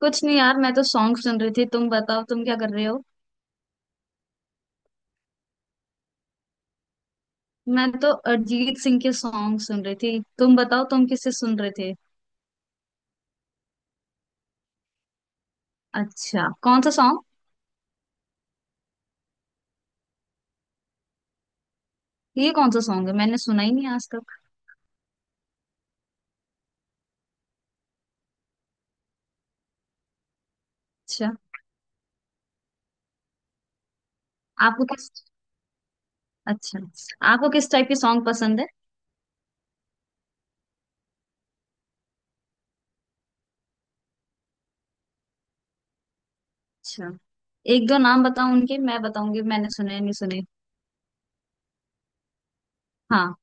कुछ नहीं यार, मैं तो सॉन्ग सुन रही थी। तुम बताओ, तुम क्या कर रहे हो। मैं तो अरिजीत सिंह के सॉन्ग सुन रही थी। तुम बताओ, तुम किससे सुन रहे थे। अच्छा, कौन सा सॉन्ग। ये कौन सा सॉन्ग है, मैंने सुना ही नहीं आज तक। अच्छा। आपको किस अच्छा आपको किस टाइप के सॉन्ग पसंद है। अच्छा, एक दो नाम बताओ उनके, मैं बताऊंगी मैंने सुने या नहीं सुने। हाँ।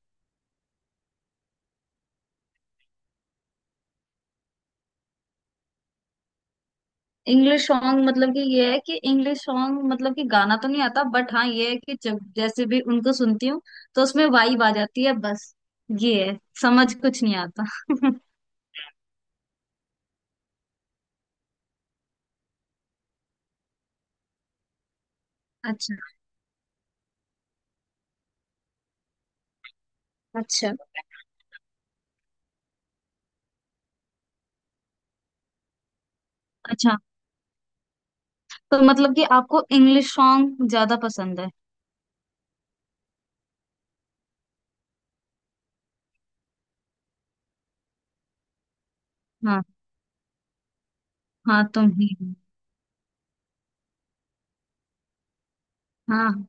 इंग्लिश सॉन्ग मतलब कि ये है कि इंग्लिश सॉन्ग मतलब कि गाना तो नहीं आता, बट हाँ ये है कि जब जैसे भी उनको सुनती हूँ तो उसमें वाइब आ जाती है बस। ये है, समझ कुछ नहीं आता। अच्छा। अच्छा। अच्छा, तो मतलब कि आपको इंग्लिश सॉन्ग ज्यादा पसंद है। हाँ। हाँ, तुम ही हो। हाँ।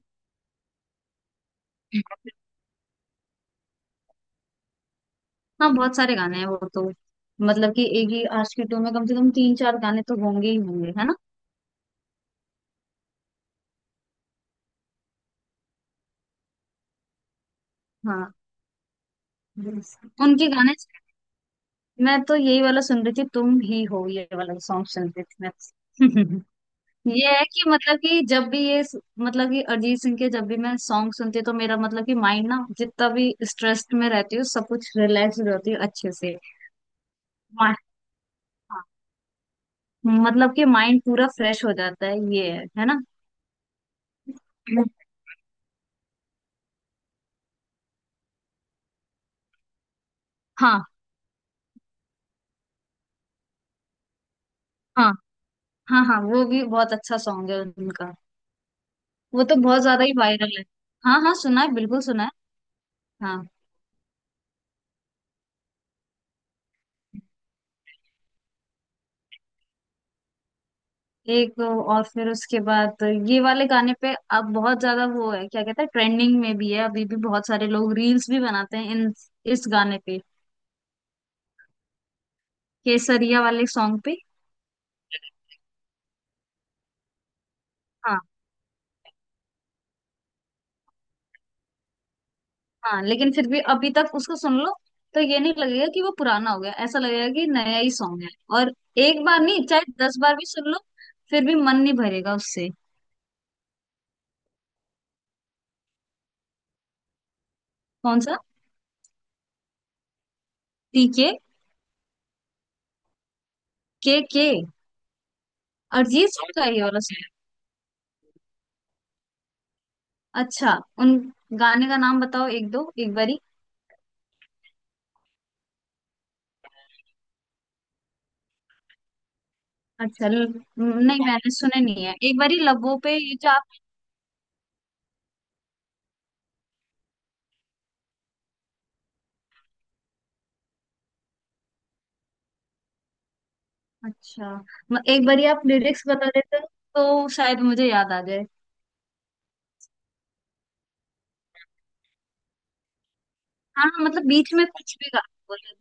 हाँ, बहुत सारे गाने हैं वो तो। मतलब कि एक ही आज के टू में कम से कम तीन चार गाने तो होंगे ही होंगे, है ना। हाँ। Yes. उनके गाने मैं तो यही वाला सुन रही थी, तुम ही हो ये वाला सॉन्ग सुन रही थी मैं। ये है कि मतलब कि जब भी ये मतलब कि अरिजीत सिंह के जब भी मैं सॉन्ग सुनती हूँ तो मेरा मतलब कि माइंड ना, जितना भी स्ट्रेस्ड में रहती हूँ सब कुछ रिलैक्स हो जाती हूँ अच्छे से। मा- हाँ, मतलब कि माइंड पूरा फ्रेश हो जाता है, ये है ना। हाँ हाँ। हाँ, हाँ, वो भी बहुत अच्छा सॉन्ग है उनका। वो तो बहुत ज्यादा ही वायरल है। हाँ हाँ, सुना है, बिल्कुल सुना है। हाँ, एक और फिर उसके बाद ये वाले गाने पे अब बहुत ज्यादा वो है, क्या कहते हैं, ट्रेंडिंग में भी है अभी भी, बहुत सारे लोग रील्स भी बनाते हैं इन इस गाने पे। केसरिया वाले सॉन्ग पे। हाँ। हाँ, लेकिन फिर भी अभी तक उसको सुन लो तो ये नहीं लगेगा कि वो पुराना हो गया, ऐसा लगेगा कि नया ही सॉन्ग है। और एक बार नहीं, चाहे दस बार भी सुन लो फिर भी मन नहीं भरेगा उससे। कौन सा। टीके। के के। अरिजीत सिंह का ये वाला सॉन्ग। अच्छा। उन गाने का नाम बताओ एक दो, एक बारी। अच्छा ल- नहीं, मैंने सुने नहीं है। एक बारी लबों पे, ये जो आप। अच्छा। एक बारी आप लिरिक्स बता देते तो शायद मुझे याद आ जाए। हाँ हाँ, मतलब बीच में कुछ भी गा बोले।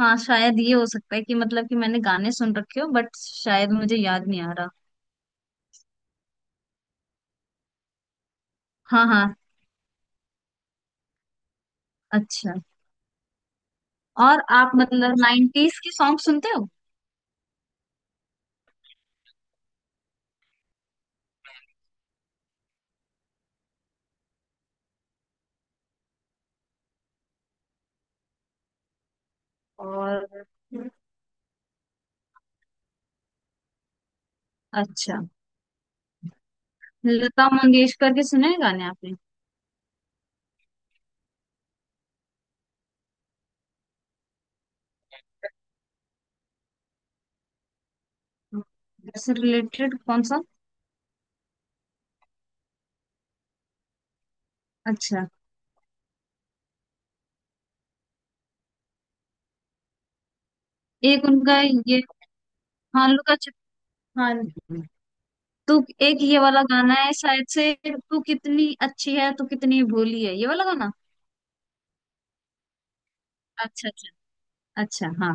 हाँ, शायद ये हो सकता है कि मतलब कि मैंने गाने सुन रखे हो बट शायद मुझे याद नहीं आ रहा। हाँ हाँ। अच्छा। और आप मतलब नाइन्टीज के सॉन्ग सुनते हो। और अच्छा। लता मंगेशकर के सुने हैं गाने आपने। उससे रिलेटेड कौन सा। अच्छा। एक उनका ये भालू का। हाँ जी। तू। एक ये वाला गाना है शायद से, तू कितनी अच्छी है तू कितनी भोली है, ये वाला गाना। अच्छा अच्छा। अच्छा हाँ।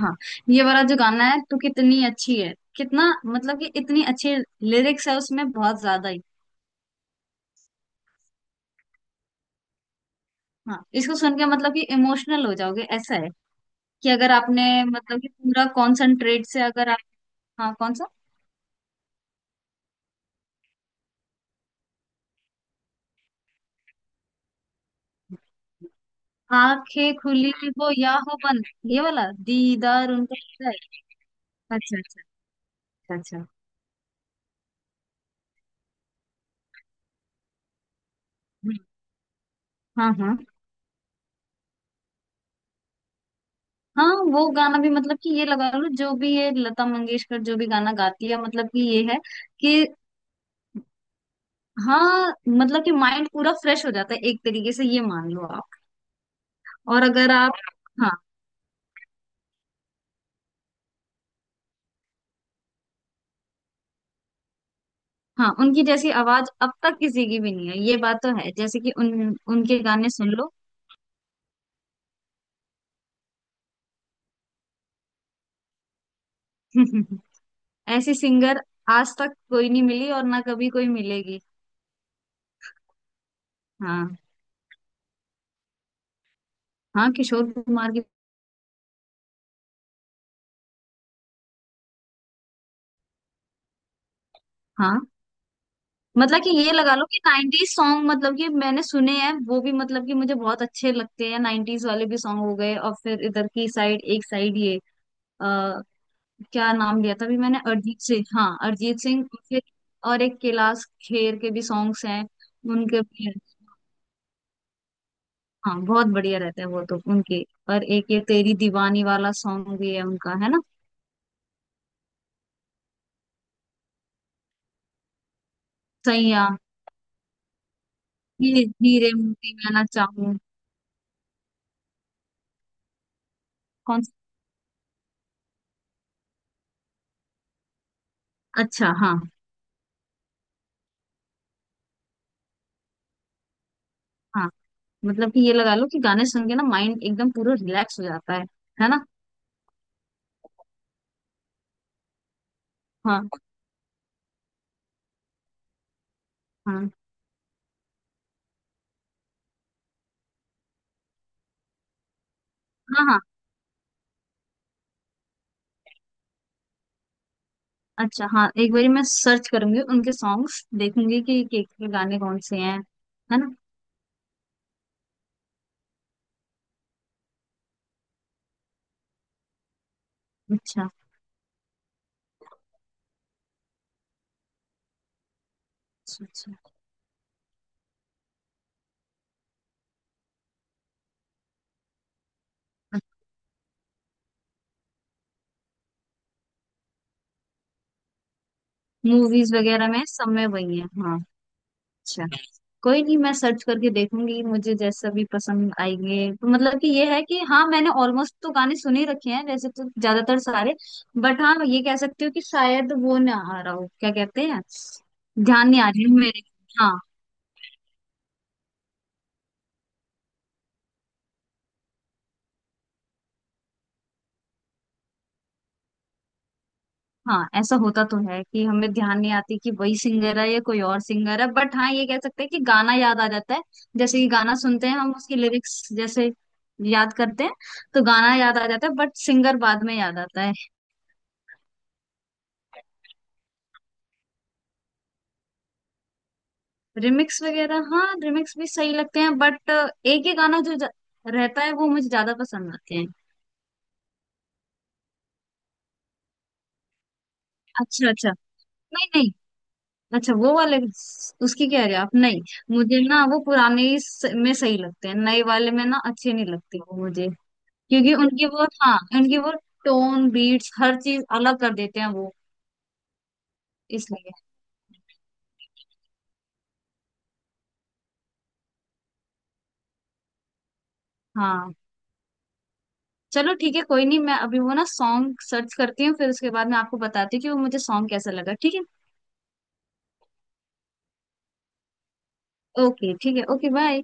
हाँ, ये वाला जो गाना है, तू कितनी अच्छी है, कितना मतलब कि इतनी अच्छी लिरिक्स है उसमें, बहुत ज्यादा ही। हाँ, इसको सुन के मतलब कि इमोशनल हो जाओगे ऐसा है कि अगर आपने मतलब कि पूरा कॉन्सेंट्रेट से अगर आप। हाँ, कौन सा। आंखें खुली हो या हो बंद, ये वाला दीदार उनका होता है। अच्छा अच्छा। अच्छा अच्छा। हम्म, हाँ हाँ। हाँ, वो गाना भी मतलब कि ये लगा लो, जो भी ये लता मंगेशकर जो भी गाना गाती है मतलब कि ये है कि हाँ मतलब कि माइंड पूरा फ्रेश हो जाता है एक तरीके से, ये मान लो आप। और अगर आप। हाँ। हाँ, उनकी जैसी आवाज अब तक किसी की भी नहीं है ये बात तो है, जैसे कि उन उनके गाने सुन लो। ऐसी सिंगर आज तक कोई नहीं मिली और ना कभी कोई मिलेगी। हाँ। हाँ, किशोर कुमार की। हाँ, मतलब कि ये लगा लो कि 90s सॉन्ग मतलब कि मैंने सुने हैं वो भी, मतलब कि मुझे बहुत अच्छे लगते हैं 90s वाले भी। सॉन्ग हो गए और फिर इधर की साइड एक साइड ये आ, क्या नाम लिया था अभी मैंने, अरिजीत सिंह, हाँ अरिजीत सिंह। फिर और एक कैलाश खेर के भी सॉन्ग्स हैं उनके भी हैं। हाँ, बहुत बढ़िया रहते हैं वो तो उनके। और एक ये तेरी दीवानी वाला सॉन्ग भी है उनका, है ना। सैया। हीरे। हीरे मोती मैं ना चाहूँ। कौन सा। अच्छा हाँ। हाँ, मतलब कि ये लगा लो कि गाने सुन के ना माइंड एकदम पूरा रिलैक्स हो जाता है। है ना। हाँ हाँ हाँ। हाँ, अच्छा हाँ, एक बारी मैं सर्च करूंगी उनके सॉन्ग्स, देखूंगी कि के गाने कौन से हैं। है ना। अच्छा अच्छा। मूवीज वगैरह में सब में वही है, हाँ। अच्छा। कोई नहीं, मैं सर्च करके देखूंगी, मुझे जैसा भी पसंद आएंगे, तो मतलब कि ये है कि हाँ मैंने ऑलमोस्ट तो गाने सुन ही रखे हैं वैसे तो ज्यादातर सारे, बट हाँ ये कह सकती हूँ कि शायद वो ना आ रहा, हो क्या कहते हैं, ध्यान नहीं आ रही है मेरे। हाँ। हाँ, ऐसा होता तो है कि हमें ध्यान नहीं आती कि वही सिंगर है या कोई और सिंगर है, बट हाँ ये कह सकते हैं कि गाना याद आ जाता है। जैसे कि गाना सुनते हैं हम उसकी लिरिक्स जैसे याद करते हैं तो गाना याद आ जाता है, बट सिंगर बाद में याद आता है। रिमिक्स वगैरह, हाँ रिमिक्स भी सही लगते हैं बट एक ही गाना जो रहता है वो मुझे ज्यादा पसंद आते हैं। अच्छा अच्छा। नहीं नहीं। अच्छा वो वाले उसकी कह रहे हो आप। नहीं, मुझे ना वो पुराने में सही लगते हैं, नए वाले में ना अच्छे नहीं लगते वो मुझे। क्योंकि उनकी वो, हाँ उनकी वो टोन बीट्स हर चीज अलग कर देते हैं वो। इसलिए। हाँ। चलो ठीक है, कोई नहीं मैं अभी वो ना सॉन्ग सर्च करती हूँ, फिर उसके बाद मैं आपको बताती हूँ कि वो मुझे सॉन्ग कैसा लगा, ठीक है। ओके, ठीक है, ओके बाय।